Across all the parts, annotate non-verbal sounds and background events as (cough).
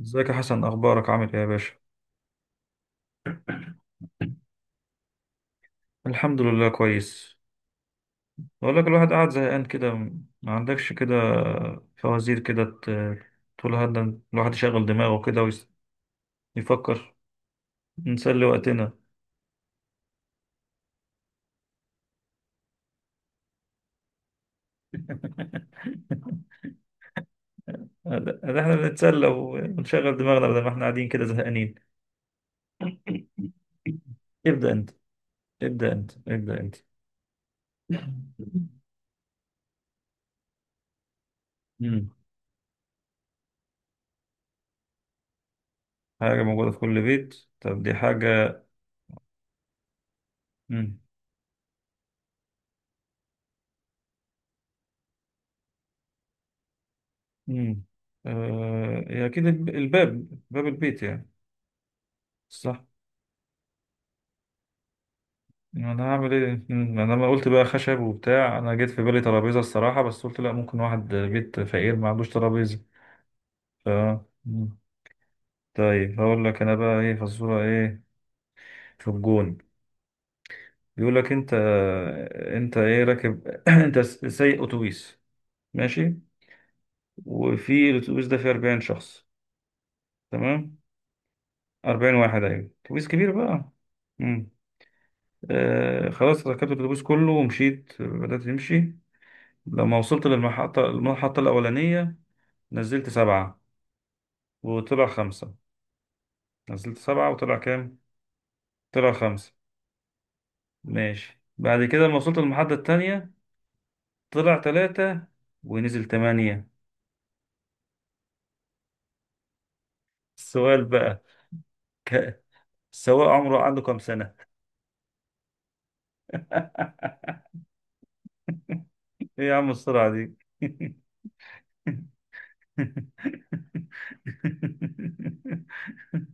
ازيك يا حسن؟ اخبارك؟ عامل ايه يا باشا؟ الحمد لله كويس. بقول لك، الواحد قاعد زهقان كده، ما عندكش كده فوازير كده تقول هذا الواحد يشغل دماغه كده ويفكر. نسلي وقتنا. (laughs) ده ده احنا بنتسلى ونشغل دماغنا بدل ما احنا قاعدين كده زهقانين. ابدأ انت، ابدأ انت، ابدأ انت. مم. حاجة موجودة في كل بيت. طب دي حاجة. امم آه، هي اكيد الباب، باب البيت يعني. صح. انا هعمل ايه؟ انا لما قلت بقى خشب وبتاع انا جيت في بالي ترابيزه الصراحه، بس قلت لا، ممكن واحد بيت فقير ما عندوش ترابيزه. ف مم. طيب هقول لك انا بقى ايه فزوره ايه؟ في الجون. بيقول لك انت ايه راكب؟ (clears throat) انت سايق اتوبيس، ماشي. وفي الاتوبيس ده فيه 40 شخص، تمام. 40 واحد، ايوه اتوبيس كبير بقى. آه خلاص، ركبت الاتوبيس كله ومشيت، بدأت أمشي. لما وصلت للمحطة، الأولانية، نزلت سبعة وطلع خمسة. نزلت سبعة وطلع كام؟ طلع خمسة. ماشي، بعد كده لما وصلت للمحطة التانية، طلع تلاتة ونزل تمانية. السؤال بقى، ك... السواق عمره، عنده كام سنة؟ (laughs) إيه يا عم السرعة دي؟ (laughs)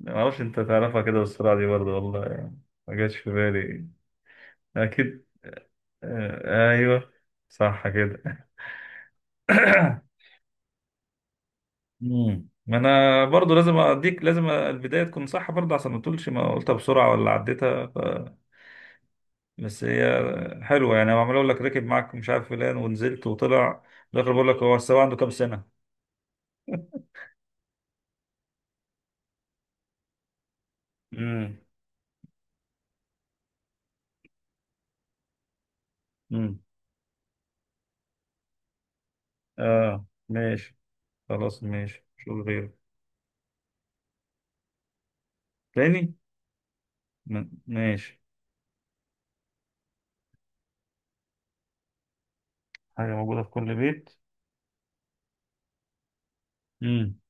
ما اعرفش، انت تعرفها كده بالسرعه دي برضه والله يعني، ما جاتش في بالي. اكيد، آه، ايوه، صح كده. (coughs) مم. ما انا برضه لازم اديك، لازم البدايه تكون صح برضه عشان ما تقولش ما قلتها بسرعه ولا عديتها. بس هي حلوه يعني، هو عمال اقول لك ركب معاك مش عارف فلان ونزلت وطلع، في الاخر بقول لك هو السواق عنده كام سنه. امم امم اه ماشي. خلاص ماشي شوف غيره. تاني. ماشي. حاجه موجوده في كل بيت. امم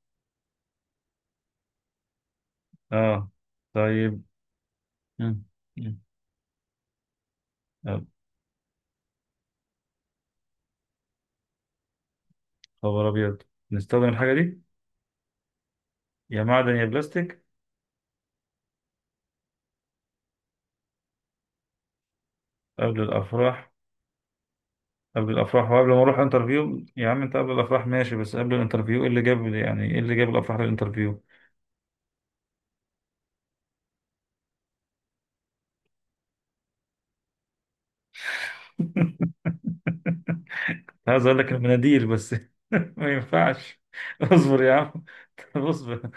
اه طيب. مم. مم. يا خبر ابيض، نستخدم الحاجه دي، يا معدن يا بلاستيك، قبل الافراح؟ قبل الافراح وقبل ما اروح انترفيو؟ يا عم انت قبل الافراح ماشي، بس قبل الانترفيو ايه اللي جاب، يعني ايه اللي جاب الافراح للانترفيو؟ (laughs) عايز اقول لك المناديل بس (laughs) ما ينفعش. اصبر يا عم، طب اصبر.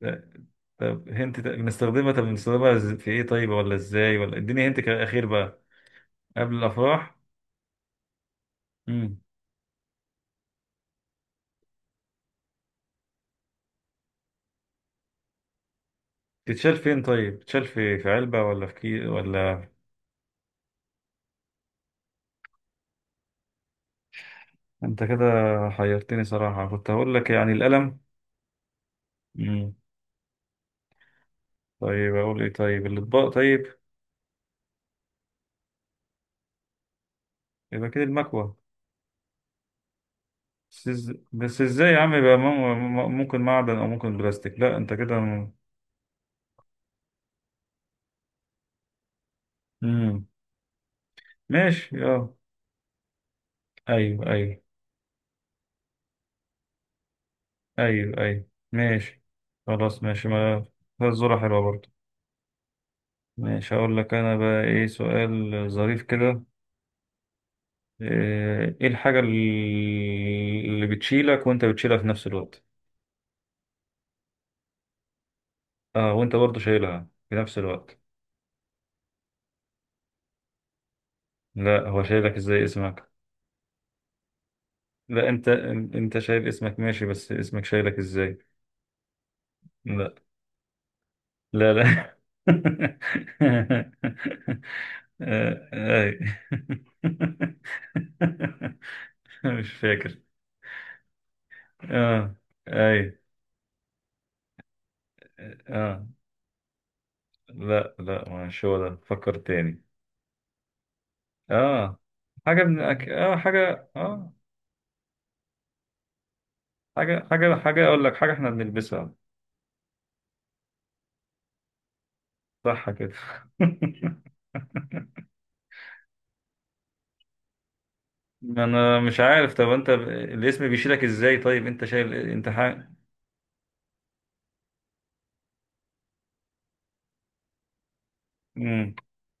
لا، طب هنت، بنستخدمها، طب بنستخدمها في ايه طيب ولا ازاي، ولا اديني هنت كده اخير بقى. قبل الافراح. مم. تتشال فين طيب؟ تتشال في علبة ولا في كي ولا انت كده حيرتني صراحة، كنت هقول لك يعني القلم. مم. طيب اقول ايه؟ طيب الاطباق طيب. يبقى كده المكوة. بس بس ازاي يا عم؟ يبقى ممكن معدن او ممكن بلاستيك، لا انت كده مم. ماشي اه. ايوه ايوه، ايوه ايوه، ماشي. خلاص ماشي، ما الزورة حلوة برضه. ماشي، هقول لك انا بقى ايه؟ سؤال ظريف كده. آه، ايه الحاجة اللي بتشيلك وانت بتشيلها في نفس الوقت؟ اه وانت برضه شايلها في نفس الوقت. لا، هو شايلك ازاي اسمك؟ لا انت شايل اسمك ماشي، بس اسمك شايلك ازاي؟ لا لا لا. (laughs) آه، آي. (laughs) مش فاكر. اه، اي، اه. لا لا، مش هو ده، فكر تاني. اه، حاجة من اه حاجة، اه. حاجة أقول لك، حاجة إحنا بنلبسها. صح كده. (laughs) ما أنا مش عارف، طب أنت الاسم بيشيلك إزاي طيب؟ أنت شايل، أنت حاجة. مم.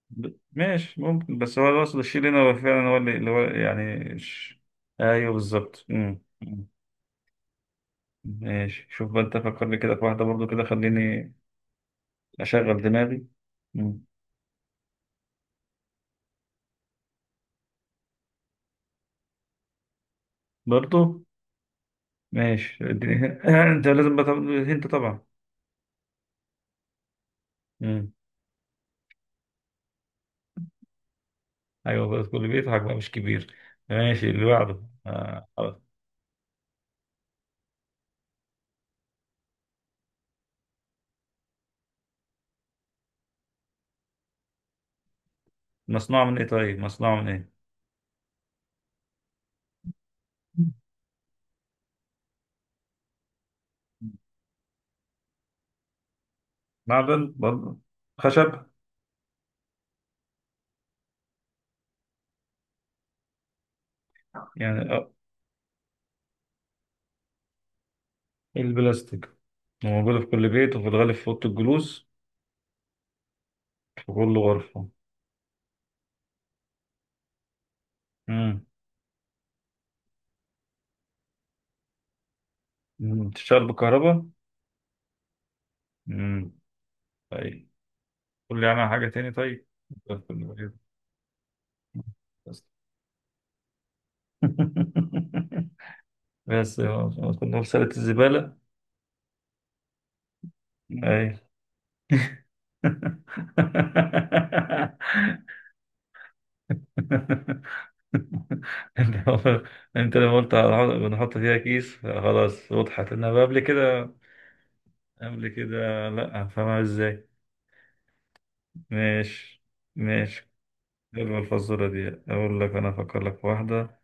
ماشي، ممكن، بس هو الأصل الشيل هنا، هو فعلا هو اللي هو يعني أيوه بالظبط. مم. مم. ماشي شوف بقى، أنت فكر لي كده في واحدة برضو كده خليني أشغل دماغي. مم. برضو ماشي، اديني (clears throat) (laughs) أنت لازم بقى تاخد هنت طبعا. مم. ايوه، بس كله بيضحك بقى مش كبير. ماشي اللي بعده. آه. خلاص. مصنوع من ايه طيب؟ مصنوع من ايه؟ معدن برضه؟ خشب يعني؟ آه. البلاستيك. موجودة في كل بيت وفي الغالب في أوضة الجلوس؟ في كل غرفة؟ امم أمم. بتشتغل بالكهرباء؟ امم طيب، قول لي عنها حاجة تاني طيب. في كل بيت. بس. (laughs) بس آه، كنا نقول سلة الزبالة. أي. (laughs) (laughs) انت انت لما قلت بنحط فيها كيس، خلاص وضحت، انما قبل كده، قبل كده لا هفهمها ازاي. ماشي. ماشي. حلوة الفزورة دي. اقول لك انا افكر لك في واحدة.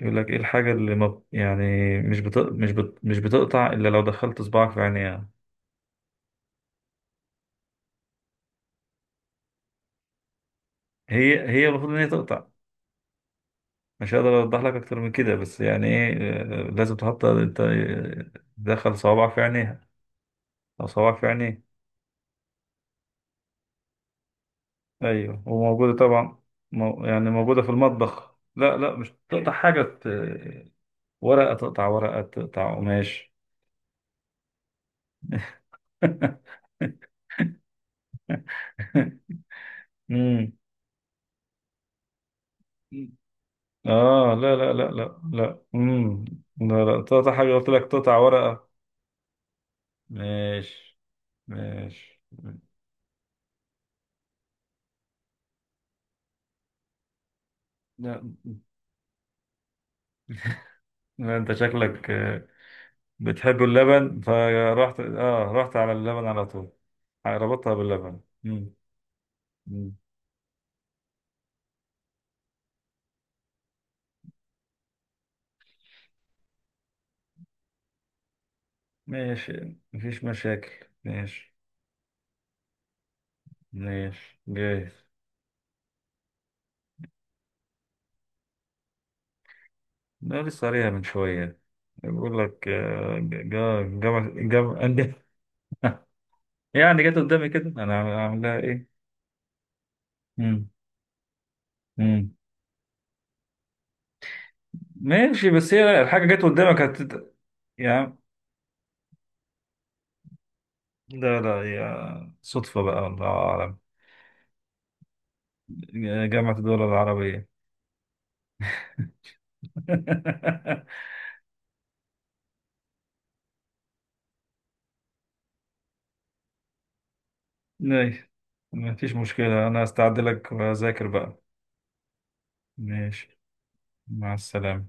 يقول لك ايه الحاجة اللي، ما يعني، مش بتقطع الا لو دخلت صباعك في عينيها. هي المفروض ان هي تقطع، مش هقدر اوضح لك اكتر من كده. بس يعني ايه؟ آه، لازم تحط انت، آه، تدخل صوابعك في عينيها او صوابعك في عينيك. ايوه وموجوده طبعا. مو يعني موجوده في المطبخ. لا لا، مش تقطع حاجه ورقه، تقطع ورقه، تقطع قماش. (laughs) امم اه، لا لا لا لا لا. لا لا، تقطع حاجه، قلت لك تقطع ورقه. ماشي. ماشي. لا لا، انت شكلك آه، بتحب اللبن، فرحت اه رحت على اللبن على طول، ربطها باللبن. امم ماشي، مفيش مشاكل. ماشي، ماشي جاهز. ده لسه قاريها من شوية، بيقول لك آه، جا، جا عندي. (laughs) يعني جت قدامي كده، أنا عاملها إيه؟ مم. مم. ماشي، بس هي الحاجة جت قدامك يا، لا لا يا صدفة بقى، الله أعلم. جامعة الدول العربية. (laughs) ماشي، مفيش مشكلة، أنا هستعد لك وأذاكر بقى. ماشي. مع السلامة.